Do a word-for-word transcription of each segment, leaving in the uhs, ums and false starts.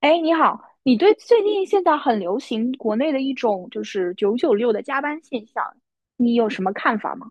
哎，你好，你对最近现在很流行国内的一种就是九九六的加班现象，你有什么看法吗？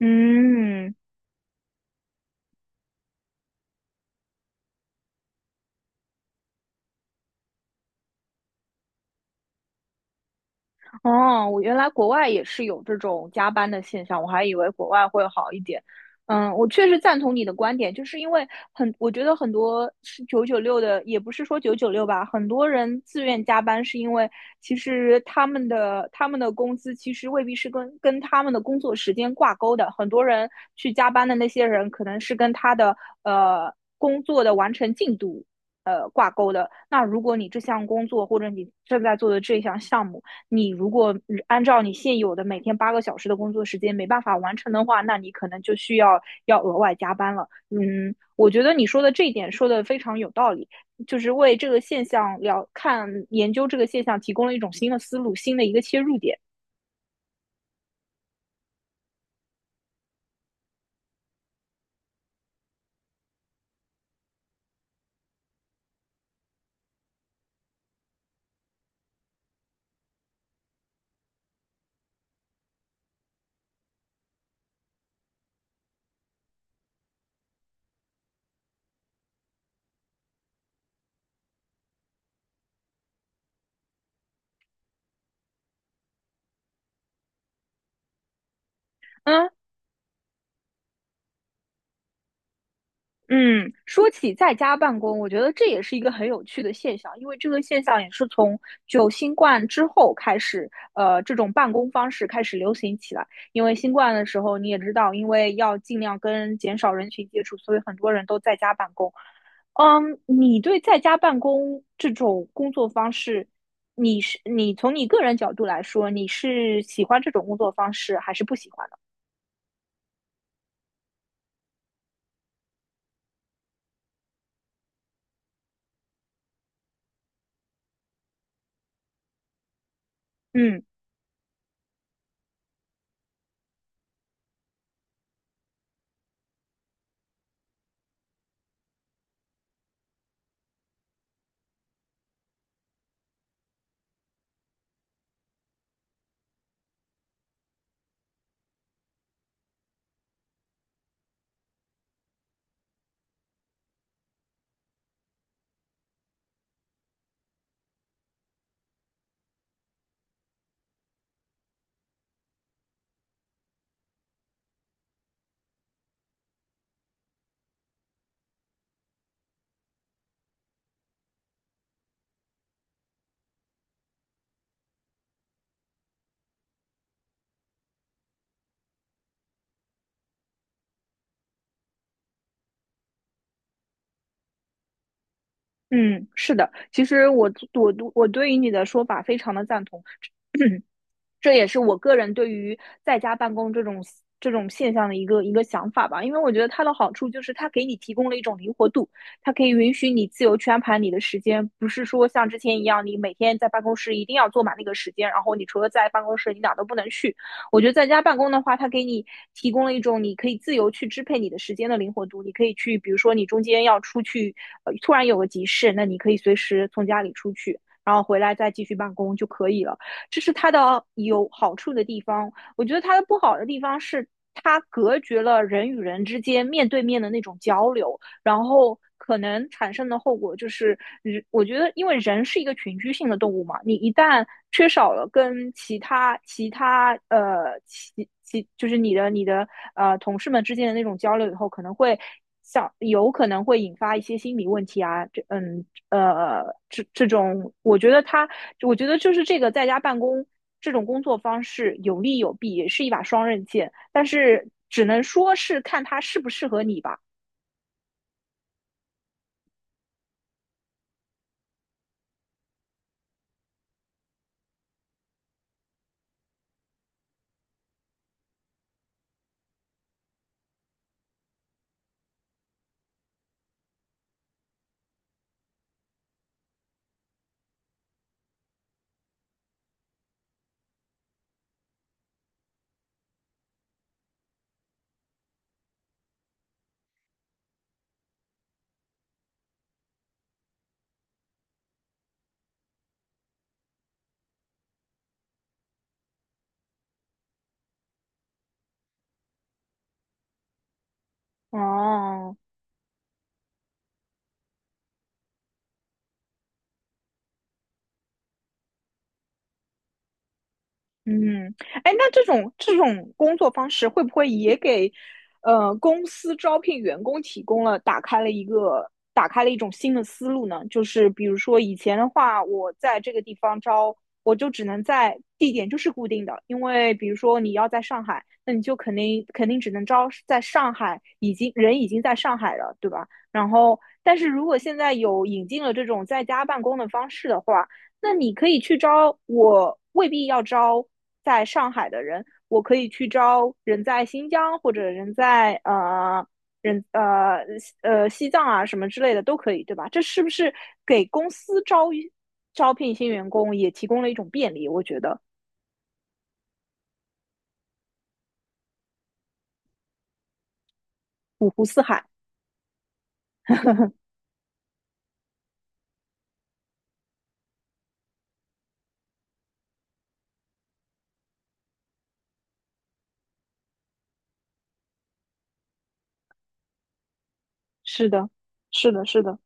嗯哦，我原来国外也是有这种加班的现象，我还以为国外会好一点。嗯，我确实赞同你的观点，就是因为很，我觉得很多是九九六的，也不是说九九六吧，很多人自愿加班是因为其实他们的他们的工资其实未必是跟跟他们的工作时间挂钩的，很多人去加班的那些人可能是跟他的呃工作的完成进度呃挂钩的。那如果你这项工作或者你正在做的这项项目，你如果按照你现有的每天八个小时的工作时间没办法完成的话，那你可能就需要要额外加班了。嗯，我觉得你说的这一点说的非常有道理，就是为这个现象了看研究这个现象提供了一种新的思路，新的一个切入点。嗯。嗯，说起在家办公，我觉得这也是一个很有趣的现象，因为这个现象也是从就新冠之后开始，呃，这种办公方式开始流行起来。因为新冠的时候，你也知道，因为要尽量跟减少人群接触，所以很多人都在家办公。嗯，你对在家办公这种工作方式，你是你从你个人角度来说，你是喜欢这种工作方式还是不喜欢的？嗯。嗯，是的，其实我我我对于你的说法非常的赞同。这也是我个人对于在家办公这种这种现象的一个一个想法吧，因为我觉得它的好处就是它给你提供了一种灵活度，它可以允许你自由去安排你的时间，不是说像之前一样，你每天在办公室一定要坐满那个时间，然后你除了在办公室你哪都不能去。我觉得在家办公的话，它给你提供了一种你可以自由去支配你的时间的灵活度，你可以去，比如说你中间要出去，呃，突然有个急事，那你可以随时从家里出去，然后回来再继续办公就可以了。这是它的有好处的地方。我觉得它的不好的地方是，它隔绝了人与人之间面对面的那种交流。然后可能产生的后果就是，我觉得，因为人是一个群居性的动物嘛，你一旦缺少了跟其他其他呃其其就是你的你的呃同事们之间的那种交流以后，可能会像有可能会引发一些心理问题啊，这嗯呃这这种，我觉得他，我觉得就是这个在家办公这种工作方式有利有弊，也是一把双刃剑，但是只能说是看它适不适合你吧。哦，嗯，哎，那这种这种工作方式会不会也给，呃，公司招聘员工提供了打开了一个打开了一种新的思路呢？就是比如说以前的话，我在这个地方招，我就只能在地点就是固定的，因为比如说你要在上海，那你就肯定肯定只能招在上海，已经人已经在上海了，对吧？然后，但是如果现在有引进了这种在家办公的方式的话，那你可以去招，我未必要招在上海的人，我可以去招人在新疆或者人在呃人呃呃西藏啊什么之类的都可以，对吧？这是不是给公司招招聘新员工也提供了一种便利？我觉得五湖四海，是的，是的，是的。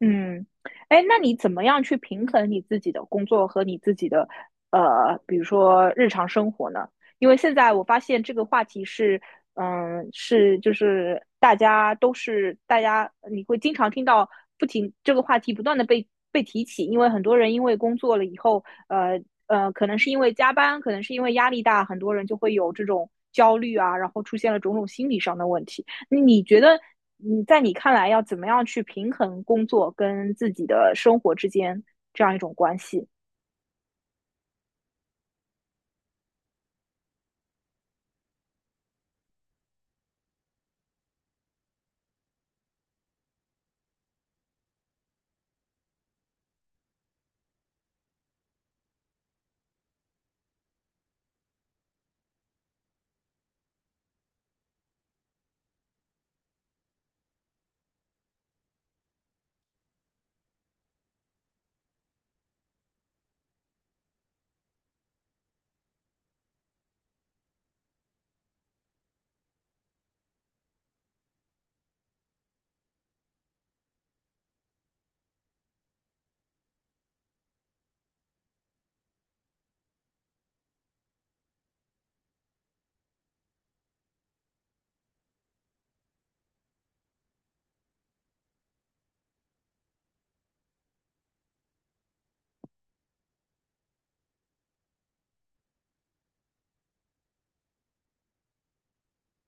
嗯，哎，那你怎么样去平衡你自己的工作和你自己的呃，比如说日常生活呢？因为现在我发现这个话题是，嗯，是就是大家都是大家，你会经常听到不停这个话题不断的被被提起，因为很多人因为工作了以后，呃呃，可能是因为加班，可能是因为压力大，很多人就会有这种焦虑啊，然后出现了种种心理上的问题。你觉得你在你看来要怎么样去平衡工作跟自己的生活之间这样一种关系？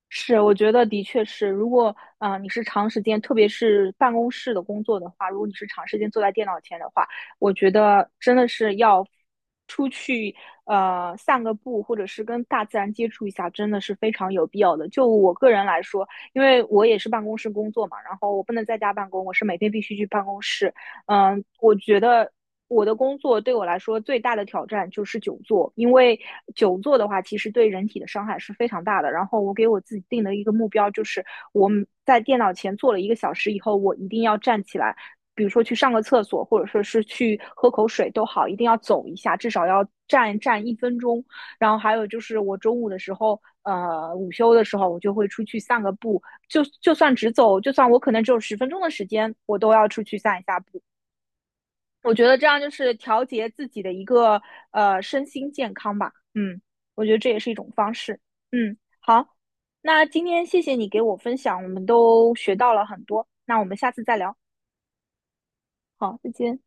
是，我觉得的确是。如果啊、呃你是长时间，特别是办公室的工作的话，如果你是长时间坐在电脑前的话，我觉得真的是要出去呃散个步，或者是跟大自然接触一下，真的是非常有必要的。就我个人来说，因为我也是办公室工作嘛，然后我不能在家办公，我是每天必须去办公室。嗯，我觉得我的工作对我来说最大的挑战就是久坐，因为久坐的话，其实对人体的伤害是非常大的。然后我给我自己定的一个目标就是，我们在电脑前坐了一个小时以后，我一定要站起来，比如说去上个厕所，或者说是去喝口水都好，一定要走一下，至少要站站一分钟。然后还有就是我中午的时候。呃，午休的时候我就会出去散个步，就就算只走，就算我可能只有十分钟的时间，我都要出去散一下步。我觉得这样就是调节自己的一个呃身心健康吧。嗯，我觉得这也是一种方式。嗯，好，那今天谢谢你给我分享，我们都学到了很多。那我们下次再聊。好，再见。